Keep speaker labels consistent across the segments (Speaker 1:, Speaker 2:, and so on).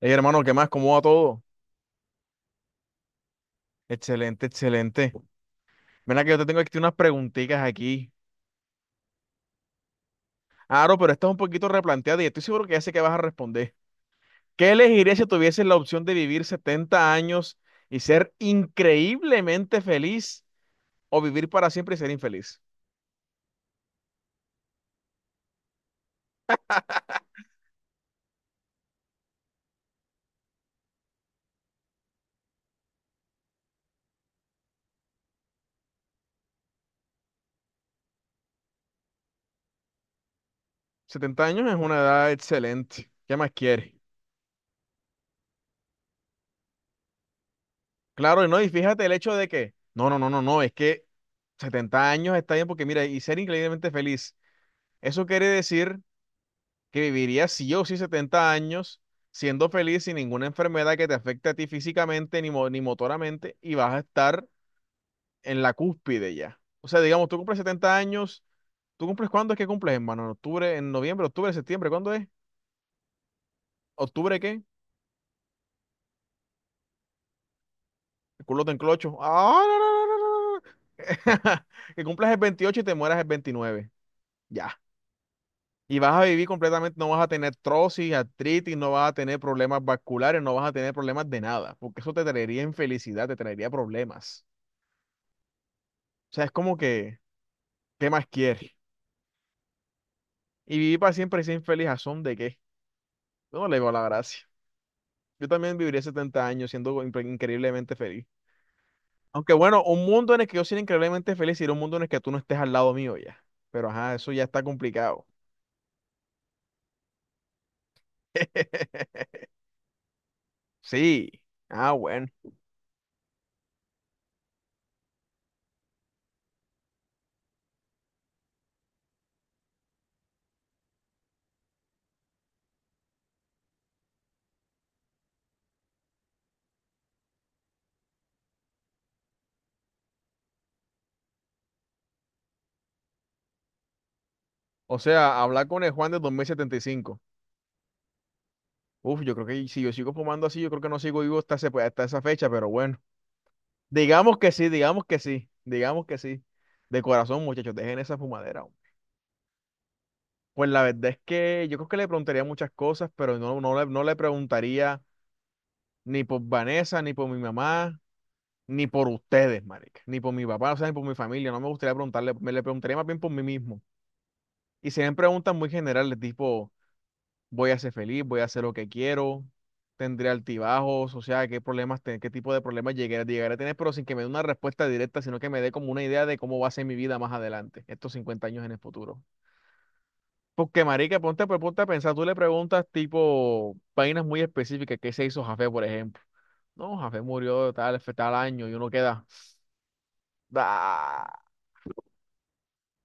Speaker 1: Hey, hermano, ¿qué más? ¿Cómo va todo? Excelente, excelente. Mira que yo te tengo aquí unas preguntitas aquí. Aro, pero esta es un poquito replanteada y estoy seguro que ya sé que vas a responder. ¿Qué elegirías si tuvieses la opción de vivir 70 años y ser increíblemente feliz o vivir para siempre y ser infeliz? 70 años es una edad excelente. ¿Qué más quieres? Claro, y no, y fíjate el hecho de que, no, no, no, no, no, es que 70 años está bien porque mira, y ser increíblemente feliz, eso quiere decir que vivirías si o sí 70 años siendo feliz sin ninguna enfermedad que te afecte a ti físicamente ni motoramente y vas a estar en la cúspide ya. O sea, digamos, tú cumples 70 años, ¿tú cumples cuándo es que cumples, hermano? ¿En octubre, en noviembre, octubre, septiembre? ¿Cuándo es? ¿Octubre qué? El culo te enclocho. Ah, no, no, no, no, no, no. Que cumplas el 28 y te mueras el 29. Ya. Y vas a vivir completamente, no vas a tener trosis, artritis, no vas a tener problemas vasculares, no vas a tener problemas de nada, porque eso te traería infelicidad, te traería problemas. O sea, es como que, ¿qué más quieres? Y vivir para siempre y sin infeliz, ¿a son de qué? Yo no le veo la gracia. Yo también viviría 70 años siendo increíblemente feliz. Aunque bueno, un mundo en el que yo sea increíblemente feliz sería un mundo en el que tú no estés al lado mío ya. Pero ajá, eso ya está complicado. Sí. Ah, bueno. O sea, hablar con el Juan de 2075. Uf, yo creo que si yo sigo fumando así, yo creo que no sigo vivo hasta, pues, hasta esa fecha, pero bueno. Digamos que sí, digamos que sí, digamos que sí. De corazón, muchachos, dejen esa fumadera, hombre. Pues la verdad es que yo creo que le preguntaría muchas cosas, pero no, no le preguntaría ni por Vanessa, ni por mi mamá, ni por ustedes, marica, ni por mi papá, o sea, ni por mi familia. No me gustaría preguntarle, me le preguntaría más bien por mí mismo. Y serían preguntas muy generales, tipo, voy a ser feliz, voy a hacer lo que quiero, tendré altibajos, o sea, qué problemas, qué tipo de problemas llegaré a tener, pero sin que me dé una respuesta directa, sino que me dé como una idea de cómo va a ser mi vida más adelante, estos 50 años en el futuro. Porque, marica, ponte, pues, ponte a pensar, tú le preguntas tipo vainas muy específicas, ¿qué se hizo Jafé, por ejemplo? No, Jafé murió tal, tal año y uno queda. "Ah".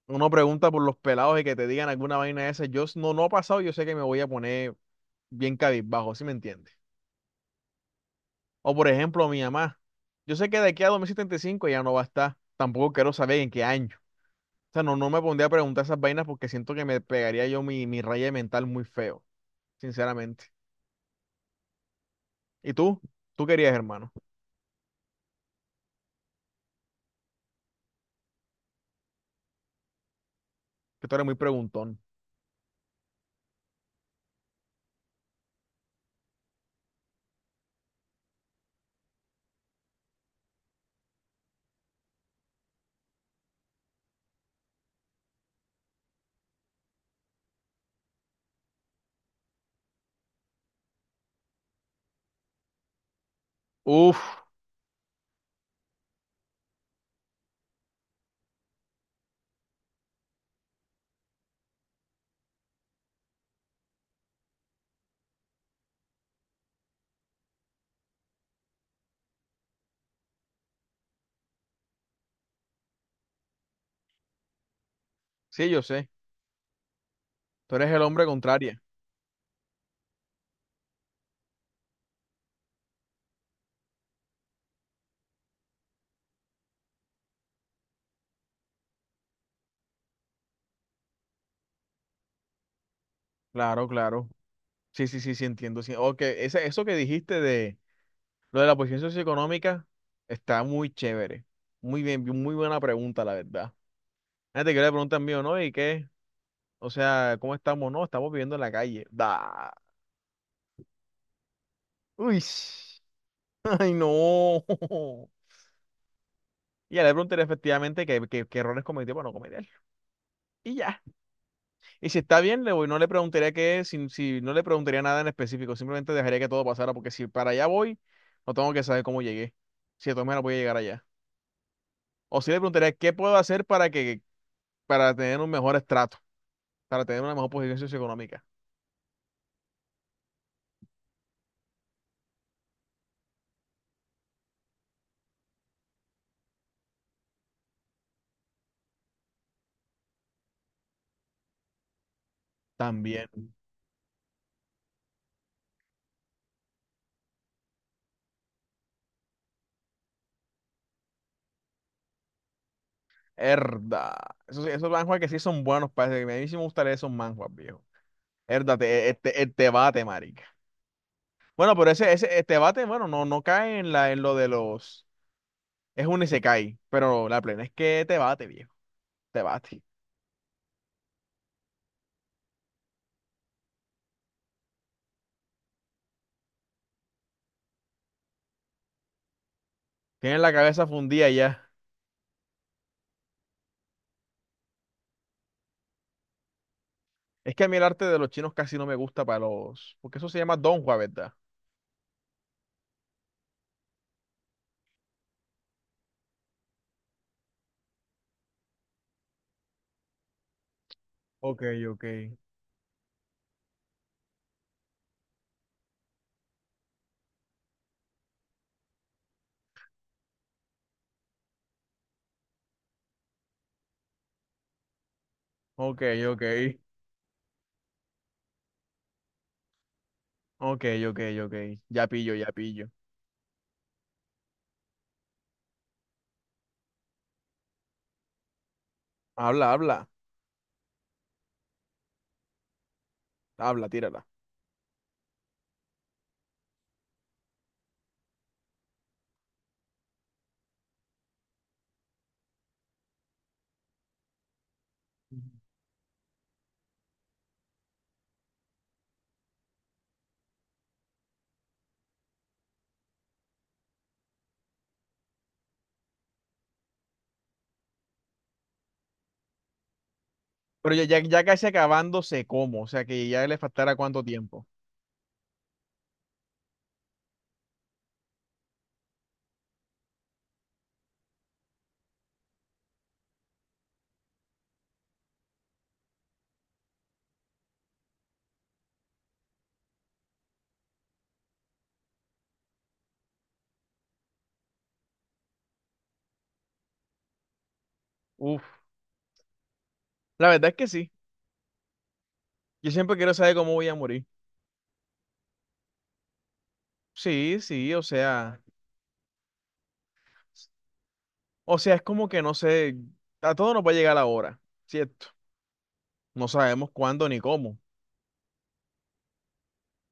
Speaker 1: Uno pregunta por los pelados y que te digan alguna vaina de esa. No, no ha pasado, yo sé que me voy a poner bien cabizbajo, ¿sí me entiendes? O por ejemplo, mi mamá. Yo sé que de aquí a 2075 ya no va a estar. Tampoco quiero saber en qué año. O sea, no, no me pondría a preguntar esas vainas porque siento que me pegaría yo mi raya mental muy feo, sinceramente. ¿Y tú? ¿Tú querías, hermano? Que tú eres muy preguntón. Uf, sí, yo sé. Tú eres el hombre contrario. Claro, claro. Sí, sí, sí, sí, entiendo. Sí. Ok, eso que dijiste de lo de la posición socioeconómica está muy chévere. Muy bien, muy buena pregunta, la verdad. Ah, te quiero preguntar mío, ¿no? ¿Y qué? O sea, ¿cómo estamos? No, estamos viviendo en la calle. Da. Uy. Ay, no. Y ya le preguntaré efectivamente qué, qué errores cometió para no cometerlos. Y ya. Y si está bien, no le preguntaría qué, es, si, si no le preguntaría nada en específico, simplemente dejaría que todo pasara, porque si para allá voy, no tengo que saber cómo llegué. Si de todas maneras voy a llegar allá. O si le preguntaría qué puedo hacer para tener un mejor estrato, para tener una mejor posición socioeconómica. También. Herda. Esos manhwa que sí son buenos, parece que a mí sí me gustaría esos manhwas, viejo. Herda, este, el bate, marica. Bueno, pero ese el bate, bueno, no, no cae en lo de los. Es un Isekai, pero la plena es que te bate, viejo. Te bate. Tienen la cabeza fundida ya. Es que a mí el arte de los chinos casi no me gusta para los. Porque eso se llama Donghua, ¿verdad? Ok, ok. Ok, ok. Ok, ok, ok. Ya pillo, ya pillo. Habla, habla. Habla, tírala. Ujú. Pero ya, ya, ya casi acabándose como, o sea que ya le faltará cuánto tiempo. Uf, la verdad es que sí. Yo siempre quiero saber cómo voy a morir. Sí, sí, o sea, es como que no sé, a todo nos va a llegar la hora, ¿cierto? No sabemos cuándo ni cómo.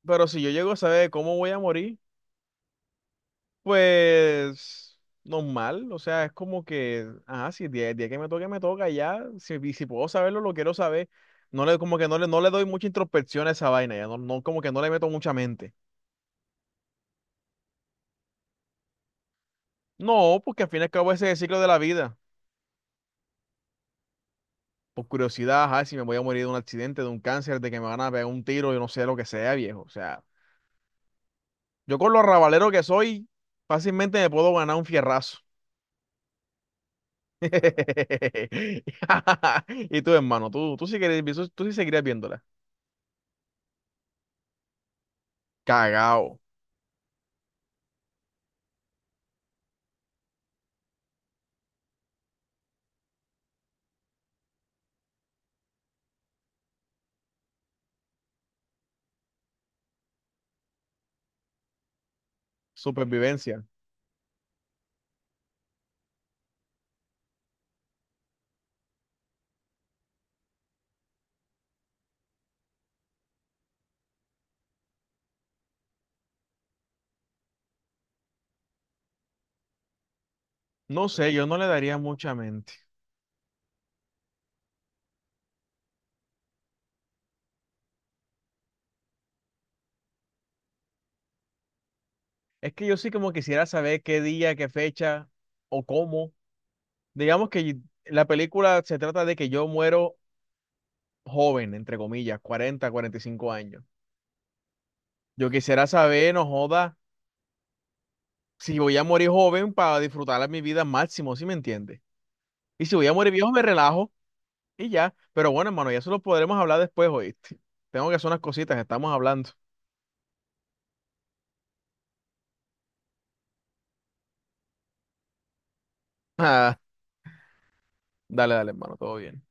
Speaker 1: Pero si yo llego a saber cómo voy a morir, pues normal, o sea, es como que, ah, si el día que me toque, me toca ya, y si puedo saberlo, lo quiero saber. No le, como que no le doy mucha introspección a esa vaina, ya no, no, como que no le meto mucha mente. No, porque al fin y al cabo ese es el ciclo de la vida. Por curiosidad, ajá, si me voy a morir de un accidente, de un cáncer, de que me van a pegar un tiro, yo no sé lo que sea, viejo. O sea, yo con lo rabalero que soy, fácilmente me puedo ganar un fierrazo. Y tú, hermano, tú sí querías, tú sí seguirías viéndola. Cagao. Supervivencia. No sé, yo no le daría mucha mente. Es que yo sí como quisiera saber qué día, qué fecha o cómo. Digamos que la película se trata de que yo muero joven, entre comillas, 40 45 años. Yo quisiera saber, no joda, si voy a morir joven para disfrutar mi vida al máximo, ¿sí me entiendes? Y si voy a morir viejo, me relajo y ya. Pero bueno, hermano, ya eso lo podremos hablar después, ¿oíste? Tengo que hacer unas cositas, estamos hablando. Ah, dale, dale, hermano, todo bien.